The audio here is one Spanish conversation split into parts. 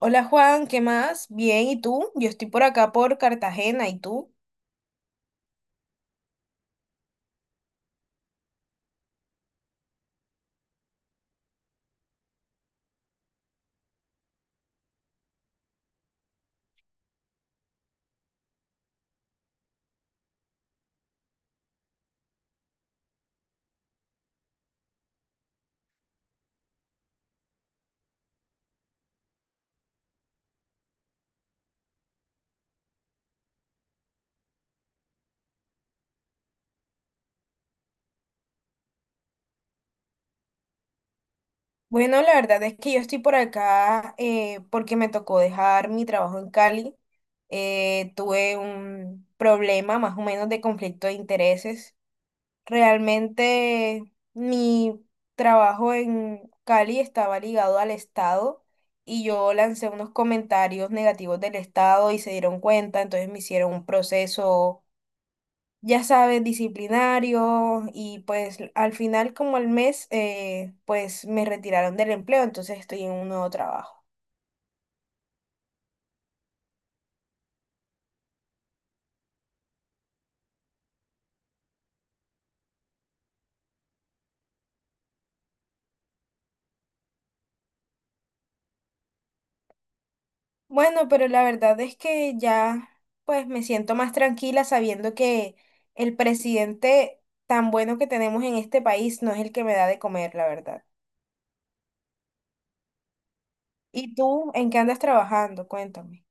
Hola Juan, ¿qué más? Bien, ¿y tú? Yo estoy por acá por Cartagena, ¿y tú? Bueno, la verdad es que yo estoy por acá porque me tocó dejar mi trabajo en Cali. Tuve un problema más o menos de conflicto de intereses. Realmente mi trabajo en Cali estaba ligado al Estado y yo lancé unos comentarios negativos del Estado y se dieron cuenta, entonces me hicieron un proceso, ya sabes, disciplinario, y pues al final como al mes, pues me retiraron del empleo, entonces estoy en un nuevo trabajo. Bueno, pero la verdad es que ya pues me siento más tranquila sabiendo que el presidente tan bueno que tenemos en este país no es el que me da de comer, la verdad. ¿Y tú en qué andas trabajando? Cuéntame.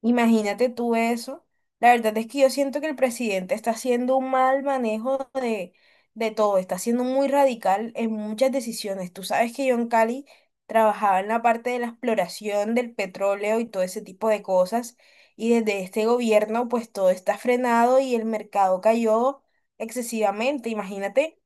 Imagínate tú eso. La verdad es que yo siento que el presidente está haciendo un mal manejo de todo, está siendo muy radical en muchas decisiones. Tú sabes que yo en Cali trabajaba en la parte de la exploración del petróleo y todo ese tipo de cosas, y desde este gobierno pues todo está frenado y el mercado cayó excesivamente. Imagínate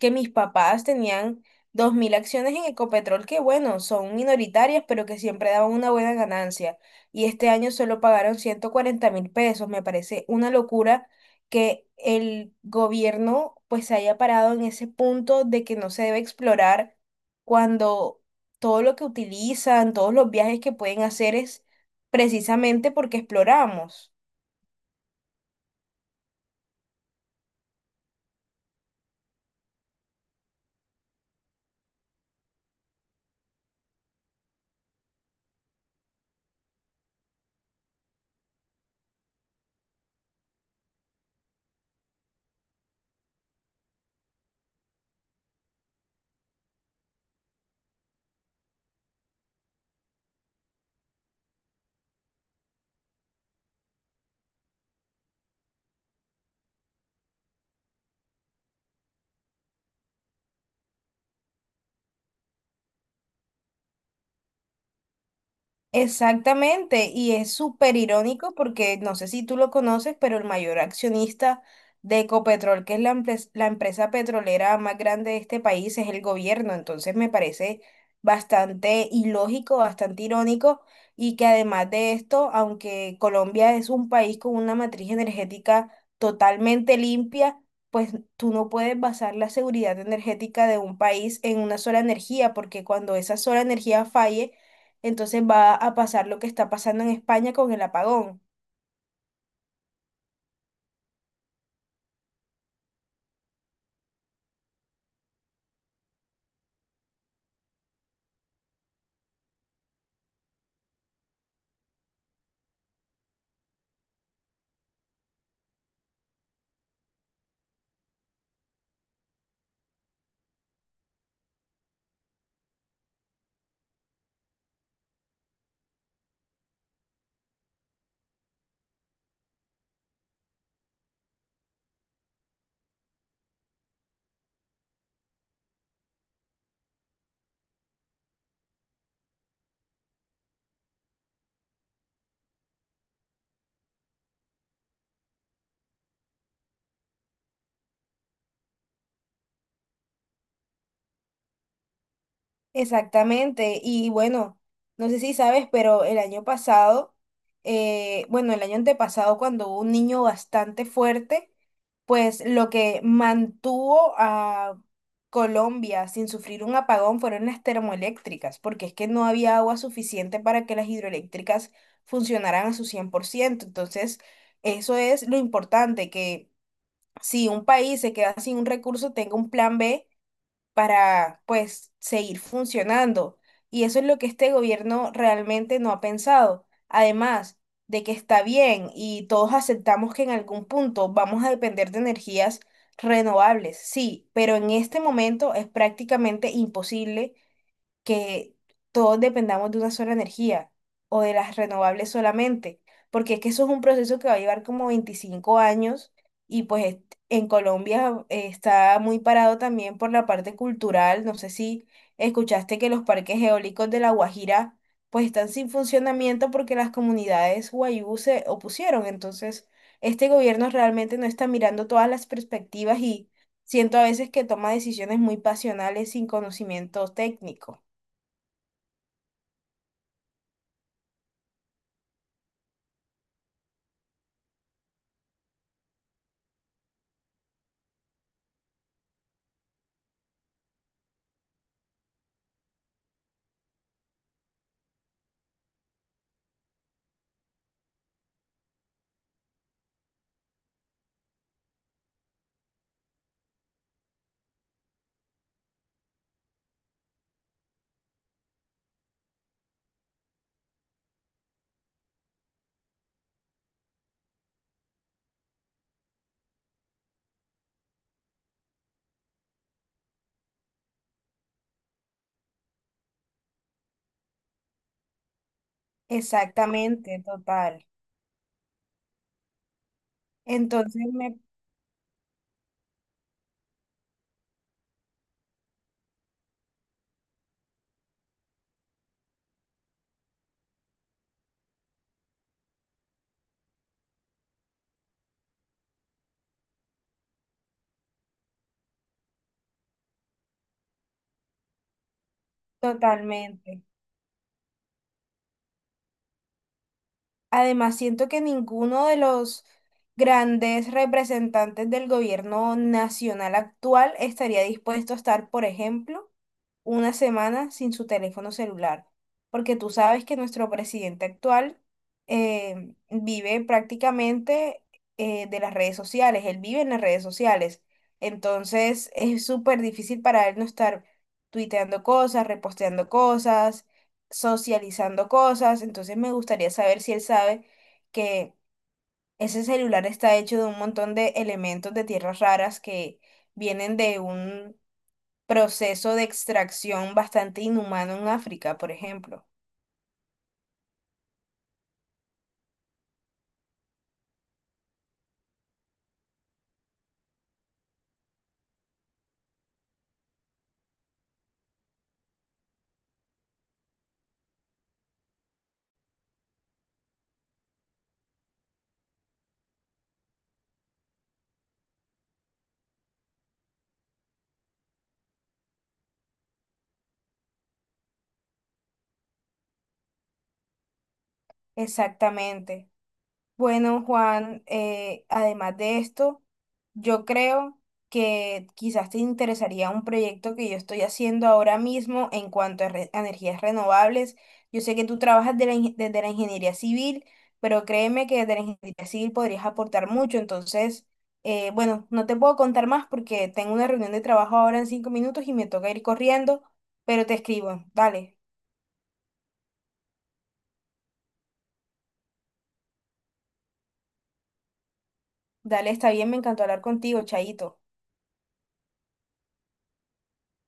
que mis papás tenían 2.000 acciones en Ecopetrol, que bueno, son minoritarias, pero que siempre daban una buena ganancia. Y este año solo pagaron 140.000 pesos. Me parece una locura que el gobierno pues se haya parado en ese punto de que no se debe explorar cuando todo lo que utilizan, todos los viajes que pueden hacer es precisamente porque exploramos. Exactamente, y es súper irónico porque no sé si tú lo conoces, pero el mayor accionista de Ecopetrol, que es la empresa petrolera más grande de este país, es el gobierno. Entonces me parece bastante ilógico, bastante irónico, y que además de esto, aunque Colombia es un país con una matriz energética totalmente limpia, pues tú no puedes basar la seguridad energética de un país en una sola energía, porque cuando esa sola energía falle, entonces va a pasar lo que está pasando en España con el apagón. Exactamente. Y bueno, no sé si sabes, pero el año pasado, bueno, el año antepasado, cuando hubo un niño bastante fuerte, pues lo que mantuvo a Colombia sin sufrir un apagón fueron las termoeléctricas, porque es que no había agua suficiente para que las hidroeléctricas funcionaran a su 100%. Entonces, eso es lo importante, que si un país se queda sin un recurso, tenga un plan B para, pues, seguir funcionando. Y eso es lo que este gobierno realmente no ha pensado. Además de que está bien y todos aceptamos que en algún punto vamos a depender de energías renovables, sí, pero en este momento es prácticamente imposible que todos dependamos de una sola energía o de las renovables solamente, porque es que eso es un proceso que va a llevar como 25 años y pues en Colombia está muy parado también por la parte cultural. No sé si escuchaste que los parques eólicos de La Guajira pues están sin funcionamiento porque las comunidades guayú se opusieron. Entonces, este gobierno realmente no está mirando todas las perspectivas y siento a veces que toma decisiones muy pasionales sin conocimiento técnico. Exactamente, total. Entonces me, totalmente. Además, siento que ninguno de los grandes representantes del gobierno nacional actual estaría dispuesto a estar, por ejemplo, una semana sin su teléfono celular, porque tú sabes que nuestro presidente actual vive prácticamente de las redes sociales, él vive en las redes sociales, entonces es súper difícil para él no estar tuiteando cosas, reposteando cosas, socializando cosas, entonces me gustaría saber si él sabe que ese celular está hecho de un montón de elementos de tierras raras que vienen de un proceso de extracción bastante inhumano en África, por ejemplo. Exactamente. Bueno, Juan, además de esto, yo creo que quizás te interesaría un proyecto que yo estoy haciendo ahora mismo en cuanto a energías renovables. Yo sé que tú trabajas de la desde la ingeniería civil, pero créeme que desde la ingeniería civil podrías aportar mucho. Entonces, bueno, no te puedo contar más porque tengo una reunión de trabajo ahora en 5 minutos y me toca ir corriendo, pero te escribo. Dale, dale, está bien, me encantó hablar contigo, Chaito.